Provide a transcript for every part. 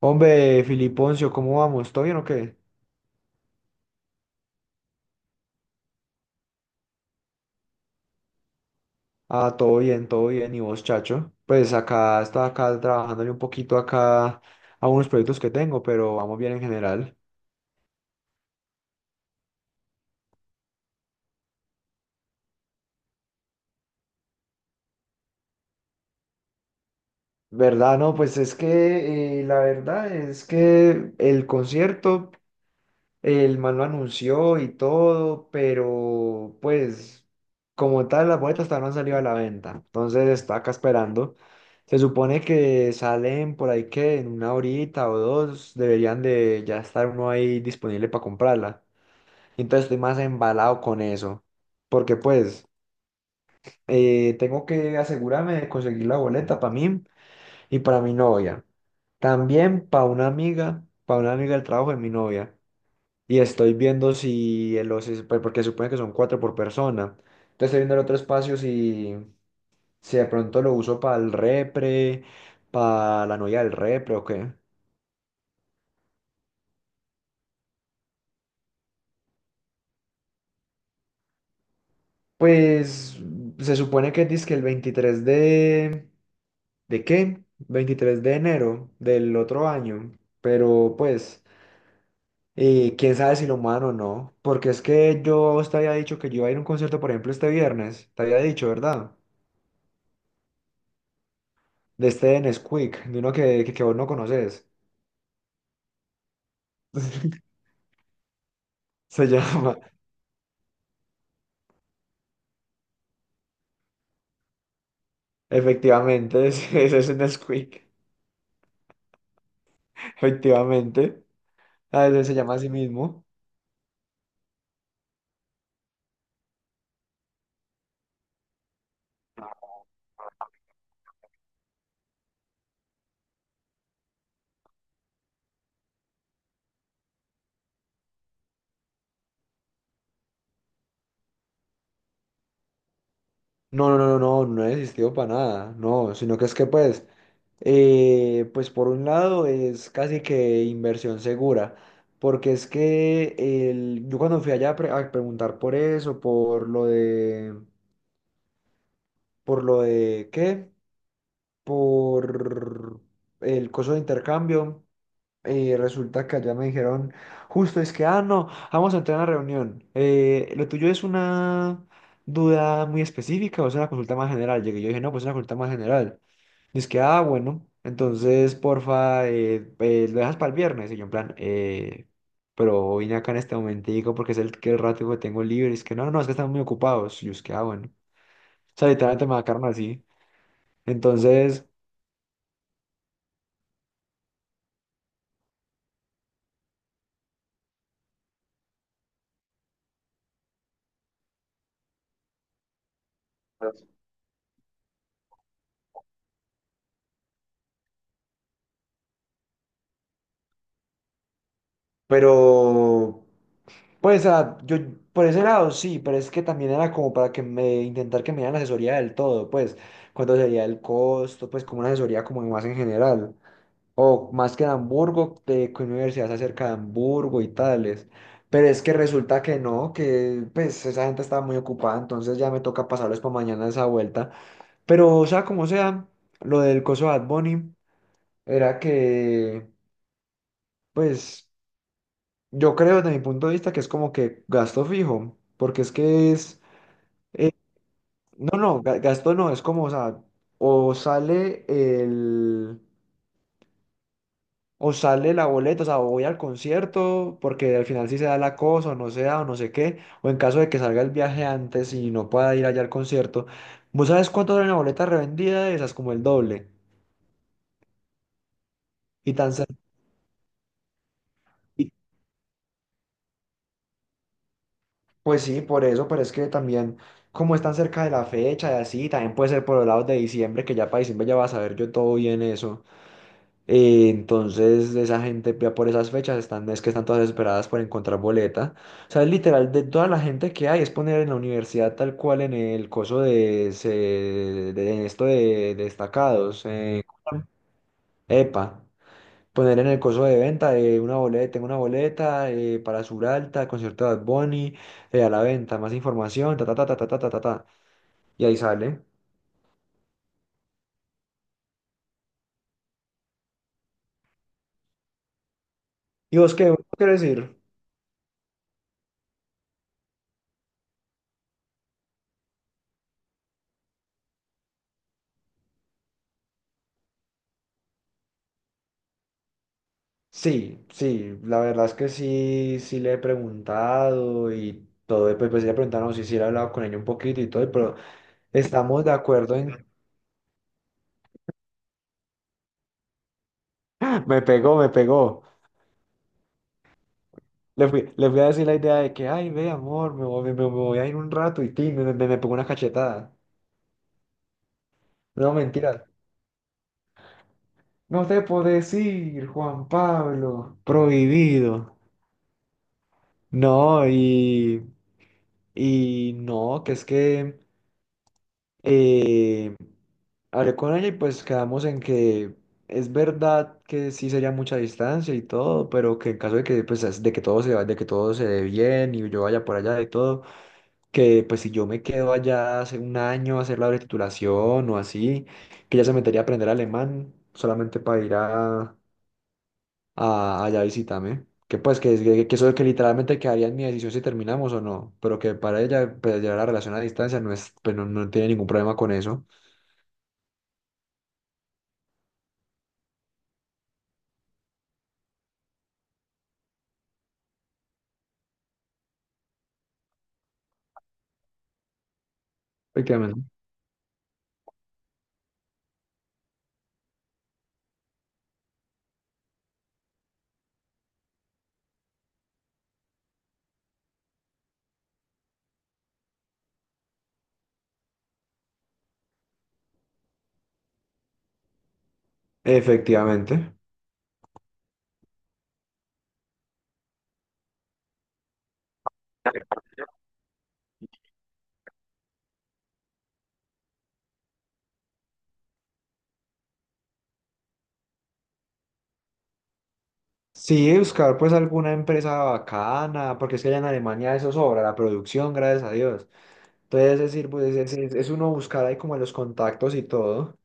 Hombre, Filiponcio, ¿cómo vamos? ¿Todo bien o qué? Ah, todo bien, todo bien. ¿Y vos, chacho? Pues acá estaba acá trabajándole un poquito acá a unos proyectos que tengo, pero vamos bien en general. ¿Verdad? No, pues es que la verdad es que el concierto. El man lo anunció y todo, pero pues como tal las boletas todavía no han salido a la venta. Entonces está acá esperando. Se supone que salen por ahí que en una horita o dos deberían de ya estar uno ahí disponible para comprarla. Entonces estoy más embalado con eso, porque pues tengo que asegurarme de conseguir la boleta para mí y para mi novia. También para una amiga del trabajo de mi novia. Y estoy viendo si en los, pues, porque supone que son cuatro por persona. Entonces estoy viendo el otro espacio si de pronto lo uso para el repre, para la novia del repre o qué. Pues se supone que dice que el 23 de. ¿De qué? 23 de enero del otro año. Pero pues, quién sabe si lo muevan o no. Porque es que yo a vos te había dicho que yo iba a ir a un concierto, por ejemplo, este viernes. Te había dicho, ¿verdad? De este Nesquik, de uno que vos no conoces. Se llama, efectivamente, ese es un Nesquik, efectivamente. A veces se llama a sí mismo. No, no, no, no, no, no existido para nada, no, sino que es que pues, pues por un lado es casi que inversión segura, porque es que el, yo cuando fui allá a, a preguntar por eso, por lo de, ¿qué? Por el coso de intercambio. Y resulta que allá me dijeron, justo es que, ah, no, vamos a entrar a una reunión. Lo tuyo es una duda muy específica o es una consulta más general. Llegué, yo dije, no, pues es una consulta más general. Y es que, ah, bueno, entonces, porfa, lo dejas para el viernes. Y yo en plan, pero vine acá en este momentico porque es el, que el rato que tengo libre. Y es que, no, no, no, es que están muy ocupados. Y yo es que, ah, bueno. O sea, literalmente me marcaron así. Entonces. Pero, pues, yo por ese lado sí, pero es que también era como para que me intentar que me dieran asesoría del todo, pues cuánto sería el costo, pues como una asesoría como más en general, o más que en Hamburgo, de qué universidad se acerca de Hamburgo y tales. Pero es que resulta que no, que pues esa gente estaba muy ocupada, entonces ya me toca pasarles para mañana esa vuelta. Pero o sea, como sea, lo del coso de Bad Bunny era que pues. Yo creo desde mi punto de vista que es como que gasto fijo, porque es que es, eh, no, no, gasto no, es como, o sea, o sale el, o sale la boleta, o sea, o voy al concierto, porque al final sí se da la cosa, o no se da, o no sé qué, o en caso de que salga el viaje antes y no pueda ir allá al concierto, ¿vos sabes cuánto vale una boleta revendida de esas? Como el doble, y tan, sen- y pues sí, por eso, pero es que también, como están cerca de la fecha y así, también puede ser por los lados de diciembre, que ya para diciembre ya va a saber yo todo bien eso. Entonces, esa gente ya por esas fechas están, es que están todas desesperadas por encontrar boleta. O sea, es literal, de toda la gente que hay, es poner en la universidad tal cual en el coso de, de esto de destacados. ¿Cómo se llama? EPA poner en el coso de venta de una boleta, tengo una boleta para Suralta, concierto de Bad Bunny, a la venta, más información, ta ta ta ta ta ta ta ta, ta. Y ahí sale. ¿Y vos qué quieres decir? Sí, sí, la verdad es que sí, sí le he preguntado y todo, y pues sí le preguntaron si sí, sí le he hablado con ella un poquito y todo, pero estamos de acuerdo en. Me pegó, me pegó. Le fui a decir la idea de que, ay, ve, amor, me voy, me voy a ir un rato y ti, me pegó una cachetada. No, mentira. No te puedo decir, Juan Pablo, prohibido. No, y no, que es que eh, hablé con ella y pues quedamos en que es verdad que sí sería mucha distancia y todo, pero que en caso de que, pues, de que todo se vaya, de que todo se dé bien y yo vaya por allá y todo, que pues si yo me quedo allá hace un año a hacer la titulación o así, que ella se metería a aprender alemán solamente para ir a allá visítame. Que pues que eso que literalmente quedaría en mi decisión si terminamos o no, pero que para ella pues, llevar la relación a distancia no es, pues, no, no tiene ningún problema con eso. Efectivamente. Efectivamente. Sí, buscar pues alguna empresa bacana, porque es que allá en Alemania eso sobra, la producción, gracias a Dios. Entonces es decir, pues es uno buscar ahí como los contactos y todo.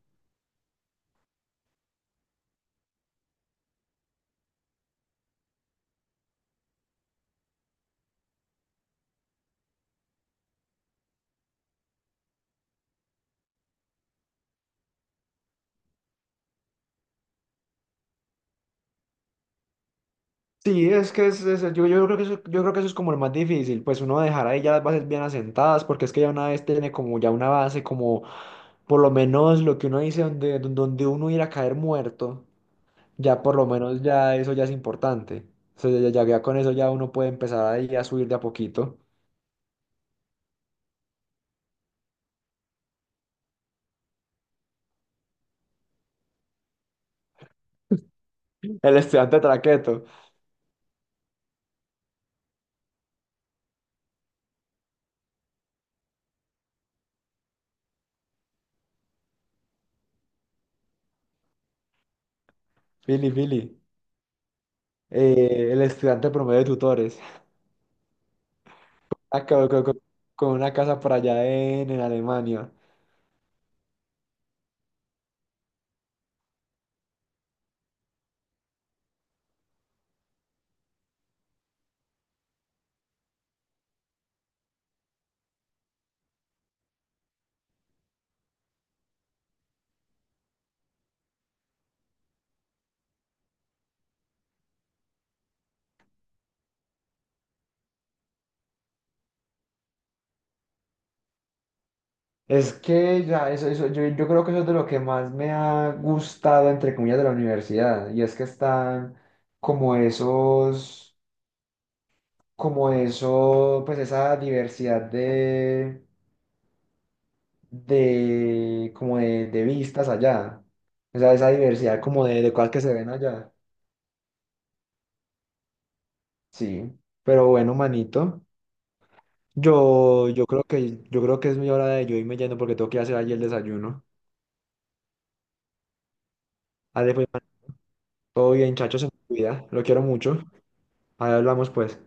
Sí, es que yo creo que eso, yo creo que eso es como lo más difícil, pues uno dejar ahí ya las bases bien asentadas, porque es que ya una vez tiene como ya una base, como por lo menos lo que uno dice donde uno ir a caer muerto, ya por lo menos ya eso ya es importante. O sea, ya con eso ya uno puede empezar ahí a subir de a poquito. El estudiante traqueto, Fili, Fili, el estudiante promedio de tutores, acá con, con una casa por allá en Alemania. Es que ya, eso, yo creo que eso es de lo que más me ha gustado, entre comillas, de la universidad. Y es que están como esos, como eso, pues esa diversidad como de vistas allá. O sea, esa diversidad como de cosas que se ven allá. Sí. Pero bueno, manito, yo creo que, yo creo que es mi hora de yo irme yendo porque tengo que ir a hacer allí el desayuno. Dale, pues, man, todo bien, chacho, se me cuida. Lo quiero mucho. Ahí hablamos, pues.